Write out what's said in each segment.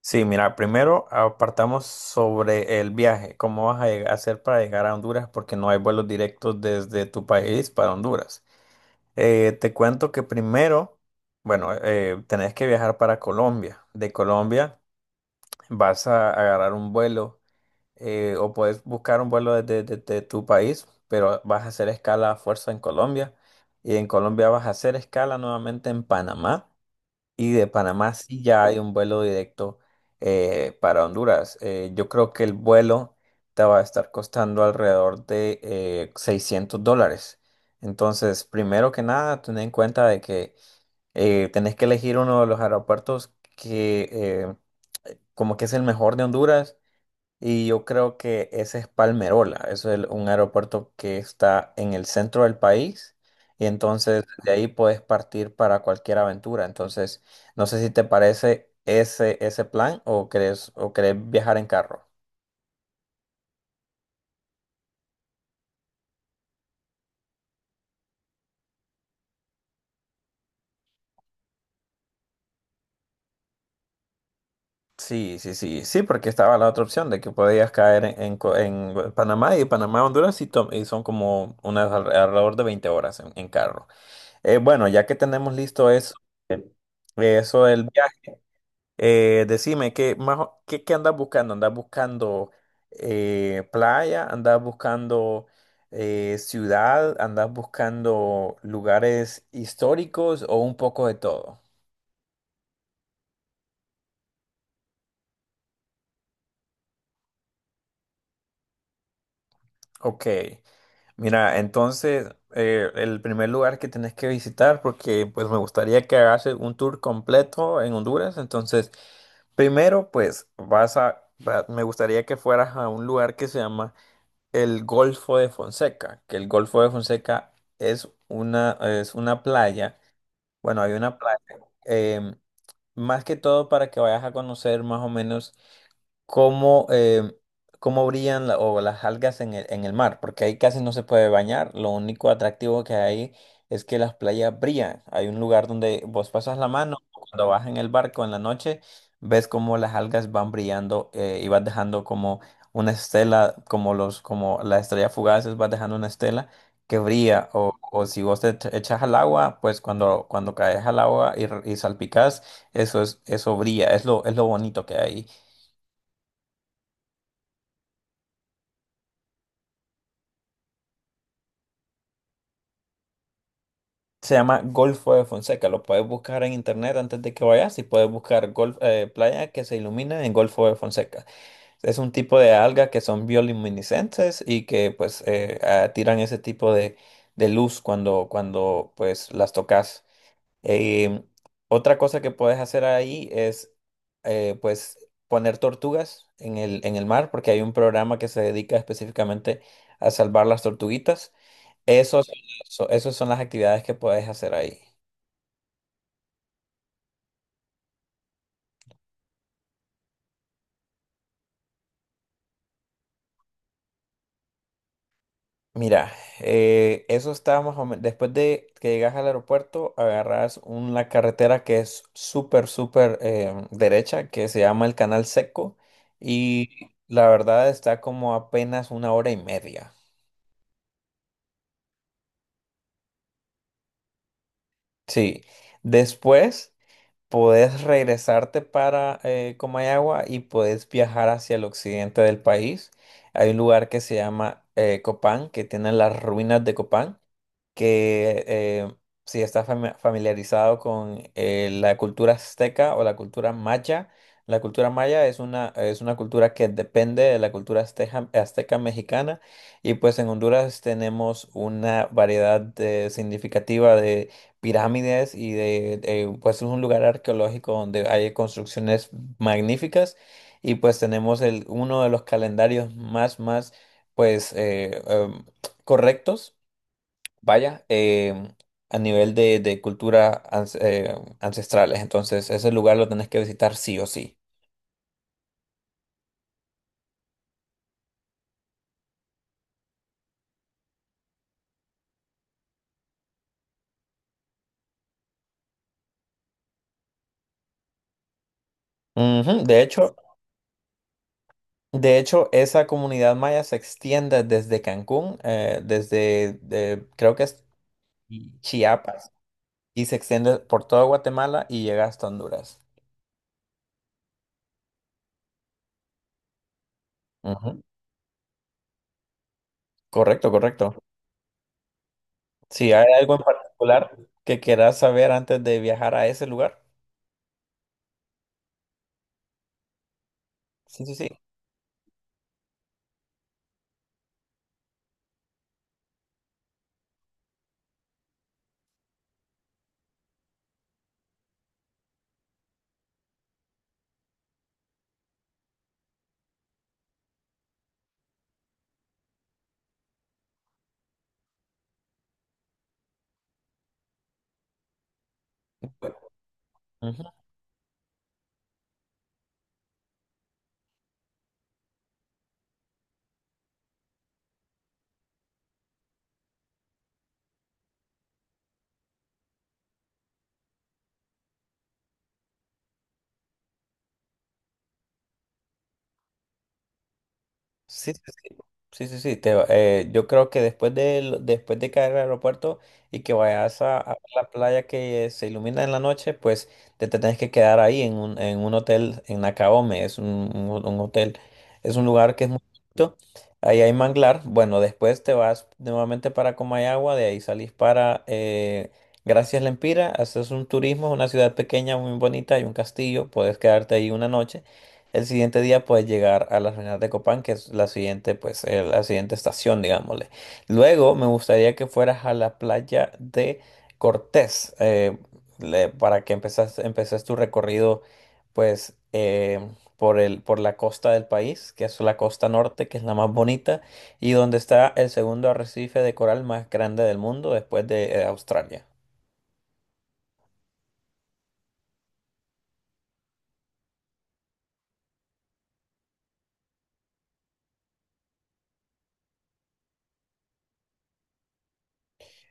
Sí, mira, primero apartamos sobre el viaje, cómo vas a hacer para llegar a Honduras, porque no hay vuelos directos desde tu país para Honduras. Te cuento que primero, bueno, tenés que viajar para Colombia. De Colombia vas a agarrar un vuelo o puedes buscar un vuelo desde tu país, pero vas a hacer escala a fuerza en Colombia y en Colombia vas a hacer escala nuevamente en Panamá. Y de Panamá sí ya hay un vuelo directo para Honduras. Yo creo que el vuelo te va a estar costando alrededor de $600. Entonces, primero que nada, ten en cuenta de que tenés que elegir uno de los aeropuertos que como que es el mejor de Honduras y yo creo que ese es Palmerola, eso es un aeropuerto que está en el centro del país y entonces de ahí puedes partir para cualquier aventura. Entonces, no sé si te parece ese plan o crees, o querés viajar en carro. Sí, sí, sí, sí, porque estaba la otra opción de que podías caer en en Panamá y Panamá, Honduras y y son como unas alrededor de 20 horas en carro. Bueno, ya que tenemos listo eso, eso del viaje. Decime, ¿qué, más, qué, qué andas buscando? ¿Andas buscando playa? ¿Andas buscando ciudad? ¿Andas buscando lugares históricos o un poco de todo? Ok, mira, entonces el primer lugar que tenés que visitar, porque pues me gustaría que hagas un tour completo en Honduras, entonces primero pues me gustaría que fueras a un lugar que se llama el Golfo de Fonseca, que el Golfo de Fonseca es una playa, bueno, hay una playa, em, más que todo para que vayas a conocer más o menos cómo, cómo brillan o las algas en el mar, porque ahí casi no se puede bañar. Lo único atractivo que hay es que las playas brillan. Hay un lugar donde vos pasas la mano, cuando vas en el barco en la noche, ves cómo las algas van brillando, y vas dejando como una estela, como las estrellas fugaces, vas dejando una estela que brilla. O, o si vos te echas al agua, pues cuando, cuando caes al agua y y salpicas, eso brilla, es lo bonito que hay. Se llama Golfo de Fonseca. Lo puedes buscar en internet antes de que vayas y puedes buscar golf, playa que se ilumina en Golfo de Fonseca. Es un tipo de alga que son bioluminiscentes y que pues tiran ese tipo de luz cuando, cuando pues las tocas. Eh, Otra cosa que puedes hacer ahí es pues poner tortugas en el mar porque hay un programa que se dedica específicamente a salvar las tortuguitas. Esos, esos son las actividades que puedes hacer ahí. Mira, eso está más o menos. Después de que llegas al aeropuerto, agarras una carretera que es súper, súper derecha, que se llama el Canal Seco. Y la verdad está como apenas una hora y media. Sí. Después podés regresarte para Comayagua y podés viajar hacia el occidente del país. Hay un lugar que se llama Copán, que tiene las ruinas de Copán, que si estás familiarizado con la cultura azteca o la cultura maya es una cultura que depende de la cultura azteca mexicana y pues en Honduras tenemos una significativa de pirámides y pues es un lugar arqueológico donde hay construcciones magníficas y pues tenemos el, uno de los calendarios más, más pues correctos. Vaya, a nivel de cultura ancestrales, entonces ese lugar lo tenés que visitar sí o sí. Ujú. De hecho, esa comunidad maya se extiende desde Cancún, creo que es Chiapas, y se extiende por toda Guatemala y llega hasta Honduras. Ujú. Correcto, correcto. Si hay algo en particular que quieras saber antes de viajar a ese lugar, sí, sí, sí. Sí, sí, sí. Sí, sí, sí, yo creo que después de caer al aeropuerto y que vayas a la playa que se ilumina en la noche, pues te tenés que quedar ahí en un hotel en Nakaome, es un, un hotel, es un lugar que es muy bonito, ahí hay manglar. Bueno, después te vas nuevamente para Comayagua, de ahí salís para Gracias Lempira, haces un turismo, es una ciudad pequeña muy bonita, hay un castillo, puedes quedarte ahí una noche. El siguiente día puedes llegar a las ruinas de Copán, que es la siguiente, pues, la siguiente estación, digámosle. Luego me gustaría que fueras a la playa de Cortés, para que empeces tu recorrido, pues, por el, por la costa del país, que es la costa norte, que es la más bonita, y donde está el segundo arrecife de coral más grande del mundo después de, Australia.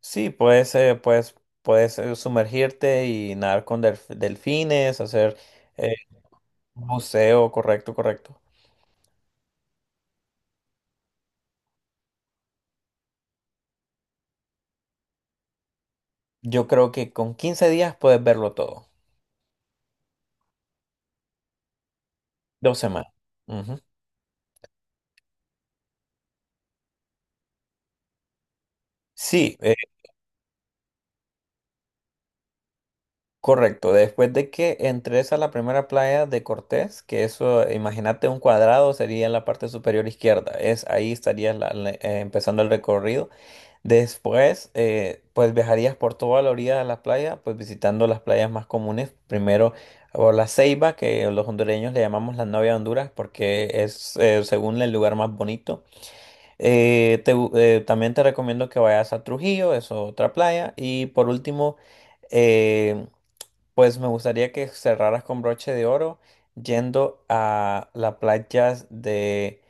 Sí, puedes sumergirte y nadar con delfines, hacer eh, un buceo, correcto, correcto. Yo creo que con 15 días puedes verlo todo, dos semanas. Ujú. Sí, correcto. Después de que entres a la primera playa de Cortés, que eso, imagínate un cuadrado, sería en la parte superior izquierda. Es, ahí estarías empezando el recorrido. Después, pues viajarías por toda la orilla de la playa, pues visitando las playas más comunes. Primero por la Ceiba, que los hondureños le llamamos la novia de Honduras porque es, según el lugar más bonito. También te recomiendo que vayas a Trujillo, es otra playa. Y por último, eh, pues me gustaría que cerraras con broche de oro yendo a las playas de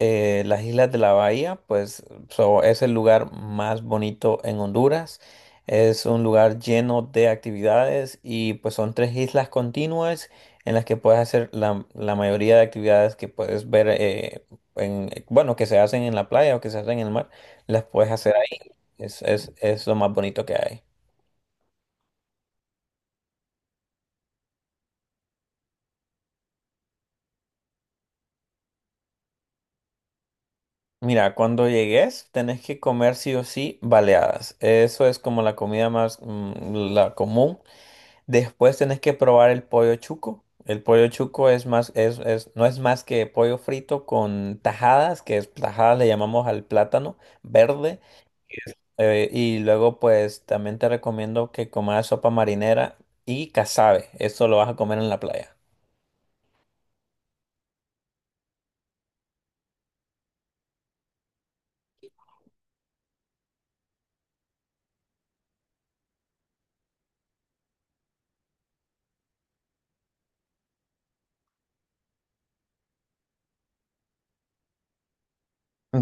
las Islas de la Bahía, pues es el lugar más bonito en Honduras. Es un lugar lleno de actividades y pues son tres islas continuas en las que puedes hacer la, la mayoría de actividades que puedes ver, en, bueno, que se hacen en la playa o que se hacen en el mar, las puedes hacer ahí. Es lo más bonito que hay. Mira, cuando llegues tenés que comer sí o sí baleadas. Eso es como la comida más, la común. Después tenés que probar el pollo chuco. El pollo chuco es más, no es más que pollo frito con tajadas, que es, tajadas le llamamos al plátano verde. Y luego pues también te recomiendo que comas sopa marinera y casabe. Esto lo vas a comer en la playa.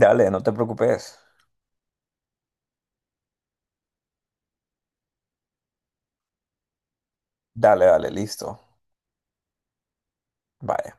Dale, no te preocupes. Dale, dale, listo. Bye.